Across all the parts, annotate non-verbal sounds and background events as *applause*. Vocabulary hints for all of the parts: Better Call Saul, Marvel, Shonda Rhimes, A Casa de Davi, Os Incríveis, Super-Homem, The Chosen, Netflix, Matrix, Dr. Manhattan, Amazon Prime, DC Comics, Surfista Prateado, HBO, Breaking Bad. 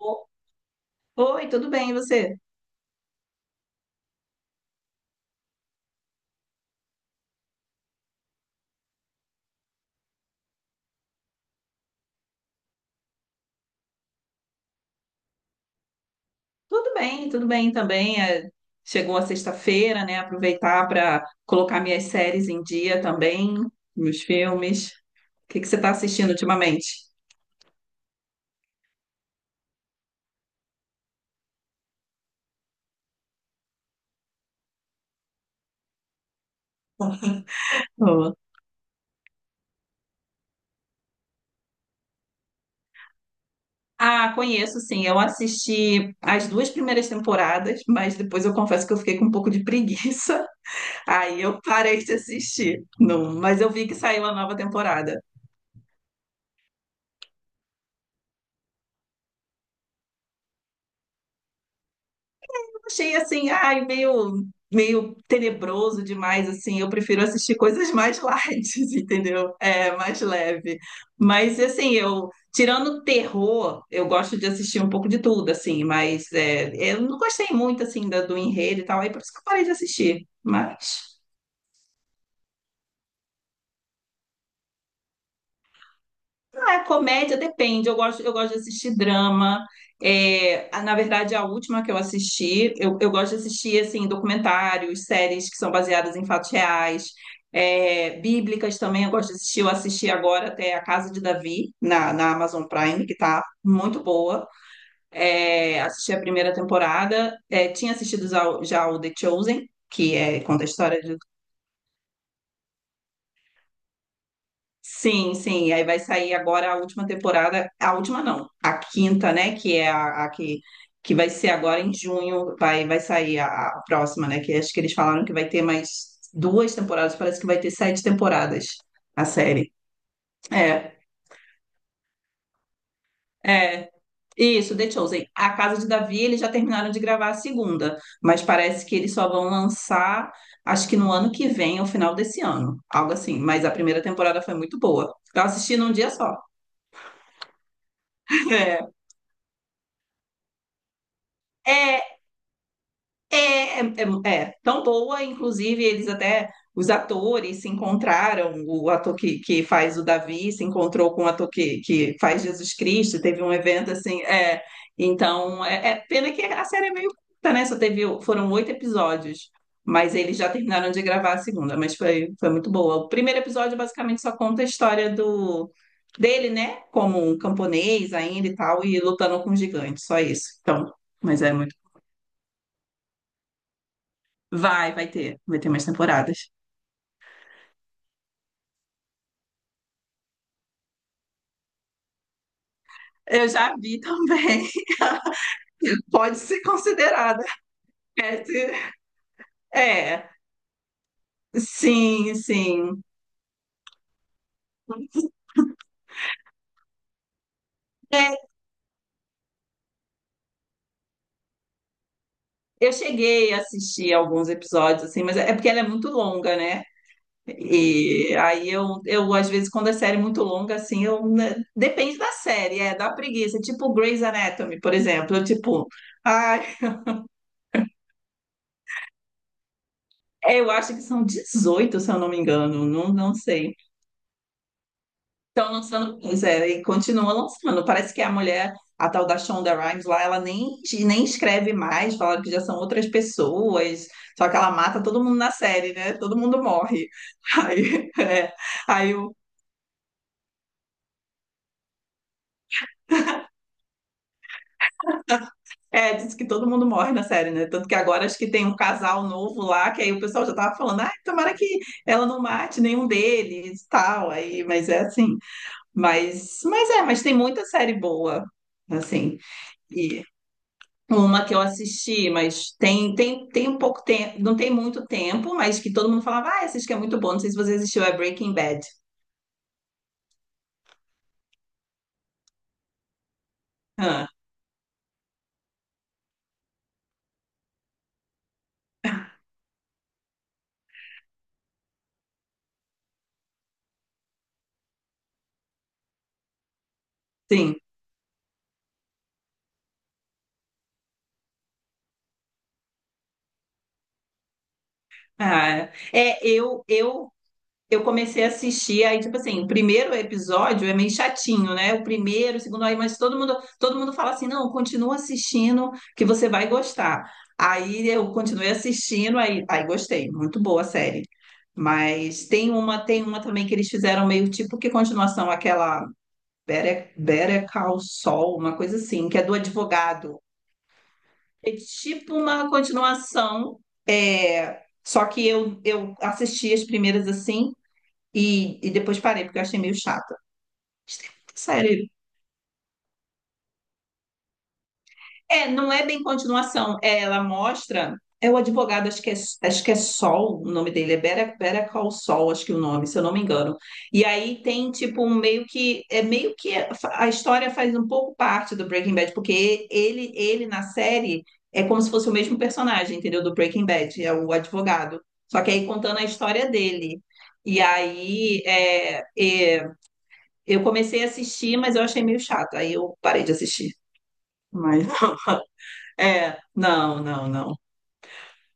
O- Oi, tudo bem, e você? Tudo bem também. Chegou a sexta-feira, né? Aproveitar para colocar minhas séries em dia também, meus filmes. O que que você está assistindo ultimamente? Oh. Ah, conheço sim. Eu assisti as duas primeiras temporadas, mas depois eu confesso que eu fiquei com um pouco de preguiça. *laughs* Aí eu parei de assistir. Não, mas eu vi que saiu a nova temporada. Achei assim, ai, meio tenebroso demais, assim. Eu prefiro assistir coisas mais light, *laughs* entendeu? É, mais leve. Mas assim, eu tirando terror, eu gosto de assistir um pouco de tudo, assim, mas eu não gostei muito assim do enredo e tal, aí por isso que eu parei de assistir. Mas Ah, é comédia depende. Eu gosto de assistir drama. Na verdade, a última que eu assisti, eu gosto de assistir assim documentários, séries que são baseadas em fatos reais, bíblicas também. Eu gosto de assistir. Eu assisti agora até A Casa de Davi na Amazon Prime, que tá muito boa. Assisti a primeira temporada. Tinha assistido já, já o The Chosen, que é conta a história de Sim, sim. Aí vai sair agora a última temporada, a última não, a quinta, né? Que é a que vai ser agora em junho, vai sair a próxima, né? Que acho que eles falaram que vai ter mais duas temporadas, parece que vai ter sete temporadas a série. É, é. Isso, The Chosen. A Casa de Davi, eles já terminaram de gravar a segunda, mas parece que eles só vão lançar, acho que no ano que vem, ao final desse ano, algo assim. Mas a primeira temporada foi muito boa. Eu assisti num dia só. *laughs* É. É, É, é, é. tão boa, inclusive eles até, os atores se encontraram, o ator que faz o Davi se encontrou com o ator que faz Jesus Cristo, teve um evento assim. Então pena que a série é meio curta, né, só teve, foram oito episódios, mas eles já terminaram de gravar a segunda, mas foi muito boa. O primeiro episódio basicamente só conta a história dele, né, como um camponês ainda e tal, e lutando com gigantes, só isso, então, mas é muito Vai ter. Vai ter mais temporadas. Eu já vi também. *laughs* Pode ser considerada. É, se- é. Sim, sim. É, eu cheguei a assistir alguns episódios, assim, mas é porque ela é muito longa, né? E aí eu às vezes, quando a série é muito longa, assim, eu. né? Depende da série, da preguiça. Tipo Grey's Anatomy, por exemplo. Tipo, ai, eu acho que são 18, se eu não me engano. Não, não sei. Estão lançando, pois é, e continua lançando. Parece que a mulher, a tal da Shonda Rhimes lá, ela nem escreve mais, falaram que já são outras pessoas, só que ela mata todo mundo na série, né? Todo mundo morre. *laughs* Aí, é, aí, diz que todo mundo morre na série, né? Tanto que agora acho que tem um casal novo lá, que aí o pessoal já tava falando, ah, tomara que ela não mate nenhum deles, tal, aí, mas é assim. Mas tem muita série boa, assim. Uma que eu assisti, mas tem um pouco tempo, não tem muito tempo, mas que todo mundo falava, ah, essa que é muito bom, não sei se você assistiu, é Breaking Bad. Ah, *laughs* sim. Ah, eu comecei a assistir, aí, tipo assim, o primeiro episódio é meio chatinho, né? O primeiro, o segundo, aí, mas todo mundo fala assim, não, continua assistindo que você vai gostar. Aí eu continuei assistindo, aí gostei, muito boa a série. Mas tem uma também que eles fizeram meio tipo que continuação, aquela Better Call Saul, uma coisa assim, que é do advogado. É tipo uma continuação, só que eu assisti as primeiras assim e depois parei, porque eu achei meio chata. Sério, não é bem continuação. É, ela mostra. É o advogado, acho que é Sol, o nome dele é Better Call Sol, acho que é o nome, se eu não me engano. E aí tem tipo um meio que é meio que a história faz um pouco parte do Breaking Bad, porque ele na série é como se fosse o mesmo personagem, entendeu? Do Breaking Bad, é o advogado. Só que aí contando a história dele. E aí é, eu comecei a assistir, mas eu achei meio chato. Aí eu parei de assistir. Mas não, não, não.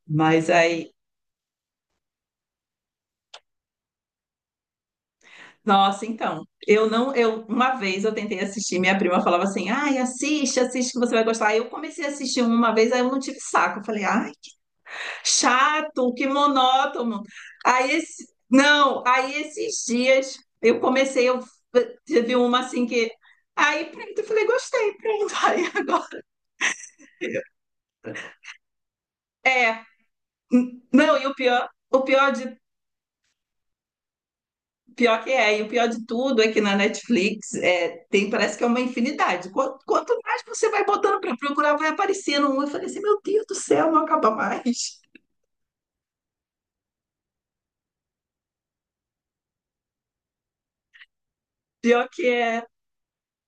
Mas aí, nossa, então, eu não, eu uma vez eu tentei assistir, minha prima falava assim: "Ai, assiste, assiste que você vai gostar". Aí eu comecei a assistir uma vez, aí eu não tive saco. Eu falei: "Ai, chato, que monótono". Aí esse, não, aí esses dias eu comecei, eu teve uma assim que aí pronto, eu falei: "Gostei, pronto". *laughs* Aí agora, é, não, e o pior de Pior que é, e o pior de tudo é que na Netflix tem, parece que é uma infinidade. Quanto mais você vai botando para procurar, vai aparecendo um. Eu falei assim, meu Deus do céu, não acaba mais. Pior que é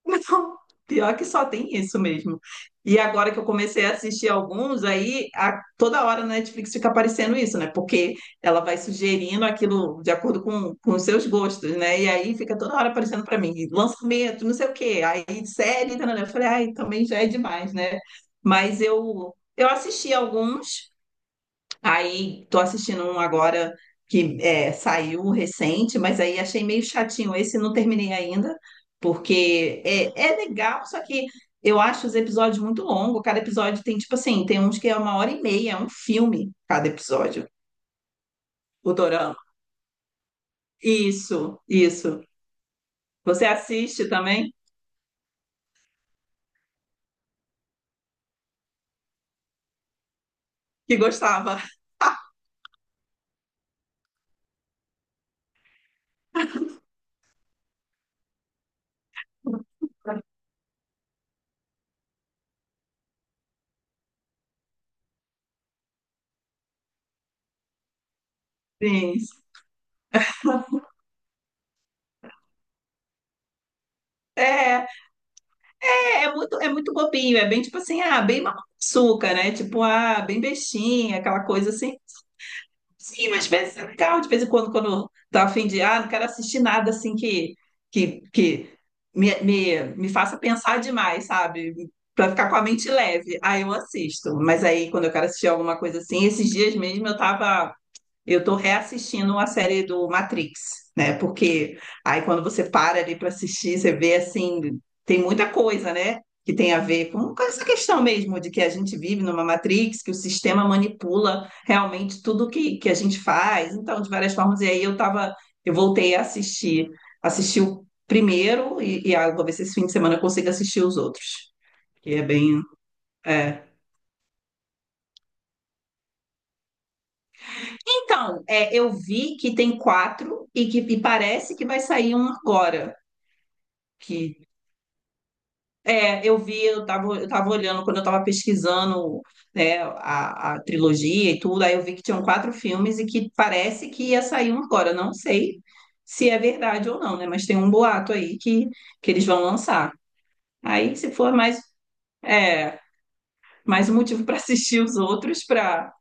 Então, pior que só tem isso mesmo. E agora que eu comecei a assistir alguns, aí toda hora na Netflix fica aparecendo isso, né? Porque ela vai sugerindo aquilo de acordo com os seus gostos, né? E aí fica toda hora aparecendo pra mim, lançamento, não sei o quê. Aí série, tá, né? Eu falei, ai, também já é demais, né? Mas eu assisti alguns. Aí tô assistindo um agora que saiu recente, mas aí achei meio chatinho esse, não terminei ainda, porque é legal, só que eu acho os episódios muito longos. Cada episódio tem, tipo assim, tem uns que é uma hora e meia, é um filme cada episódio, o Dorama. Isso, isso. Você assiste também? Que gostava. Sim. É, é muito bobinho, é bem tipo assim, ah, bem mamão com açúcar, né? Tipo, ah, bem bestinha, aquela coisa assim. Sim, mas parece ser legal de vez em quando, quando tá a fim de, ah, não quero assistir nada assim que me faça pensar demais, sabe? Pra ficar com a mente leve. Aí eu assisto. Mas aí, quando eu quero assistir alguma coisa assim, esses dias mesmo eu tava. Eu estou reassistindo uma série do Matrix, né? Porque aí quando você para ali para assistir, você vê assim, tem muita coisa, né? Que tem a ver com essa questão mesmo de que a gente vive numa Matrix, que o sistema manipula realmente tudo que a gente faz, então, de várias formas, e aí eu voltei a assistir, assisti o primeiro, e ah, vou ver se esse fim de semana eu consigo assistir os outros, que é bem. é, Então, eu vi que tem quatro e parece que vai sair um agora. Que é, eu vi, eu tava olhando quando eu tava pesquisando, né, a trilogia e tudo, aí eu vi que tinham quatro filmes e que parece que ia sair um agora. Eu não sei se é verdade ou não, né? Mas tem um boato aí que eles vão lançar. Aí, se for mais, é, mais um motivo para assistir os outros para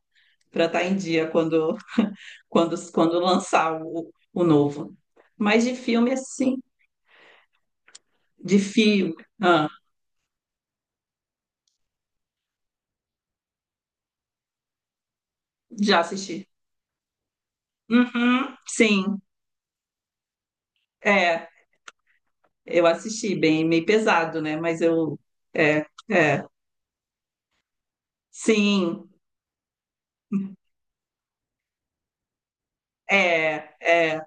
para estar em dia quando lançar o novo. Mas de filme, assim, de filme, ah, já assisti. Uhum, sim, é, eu assisti, bem, meio pesado, né? É, é, sim, é, é.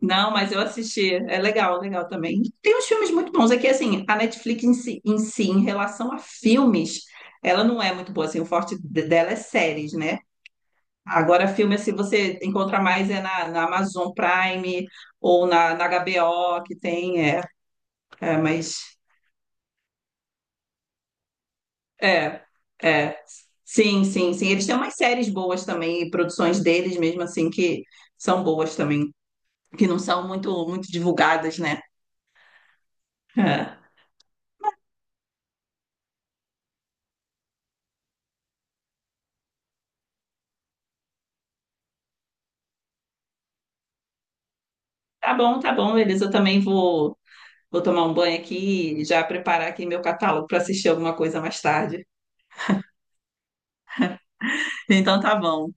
Não, mas eu assisti, é legal, legal também. Tem uns filmes muito bons, é que, assim, a Netflix em si, em si, em relação a filmes, ela não é muito boa, assim, o forte dela é séries, né? Agora, filme assim, você encontra mais é na Amazon Prime ou na HBO, que tem, mas, é, é, sim, sim, sim. Eles têm umas séries boas também, e produções deles mesmo assim, que são boas também, que não são muito, muito divulgadas, né? É. Tá bom, Elisa, eu também vou tomar um banho aqui e já preparar aqui meu catálogo para assistir alguma coisa mais tarde. Então tá bom.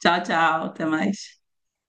Tchau, tchau, até mais.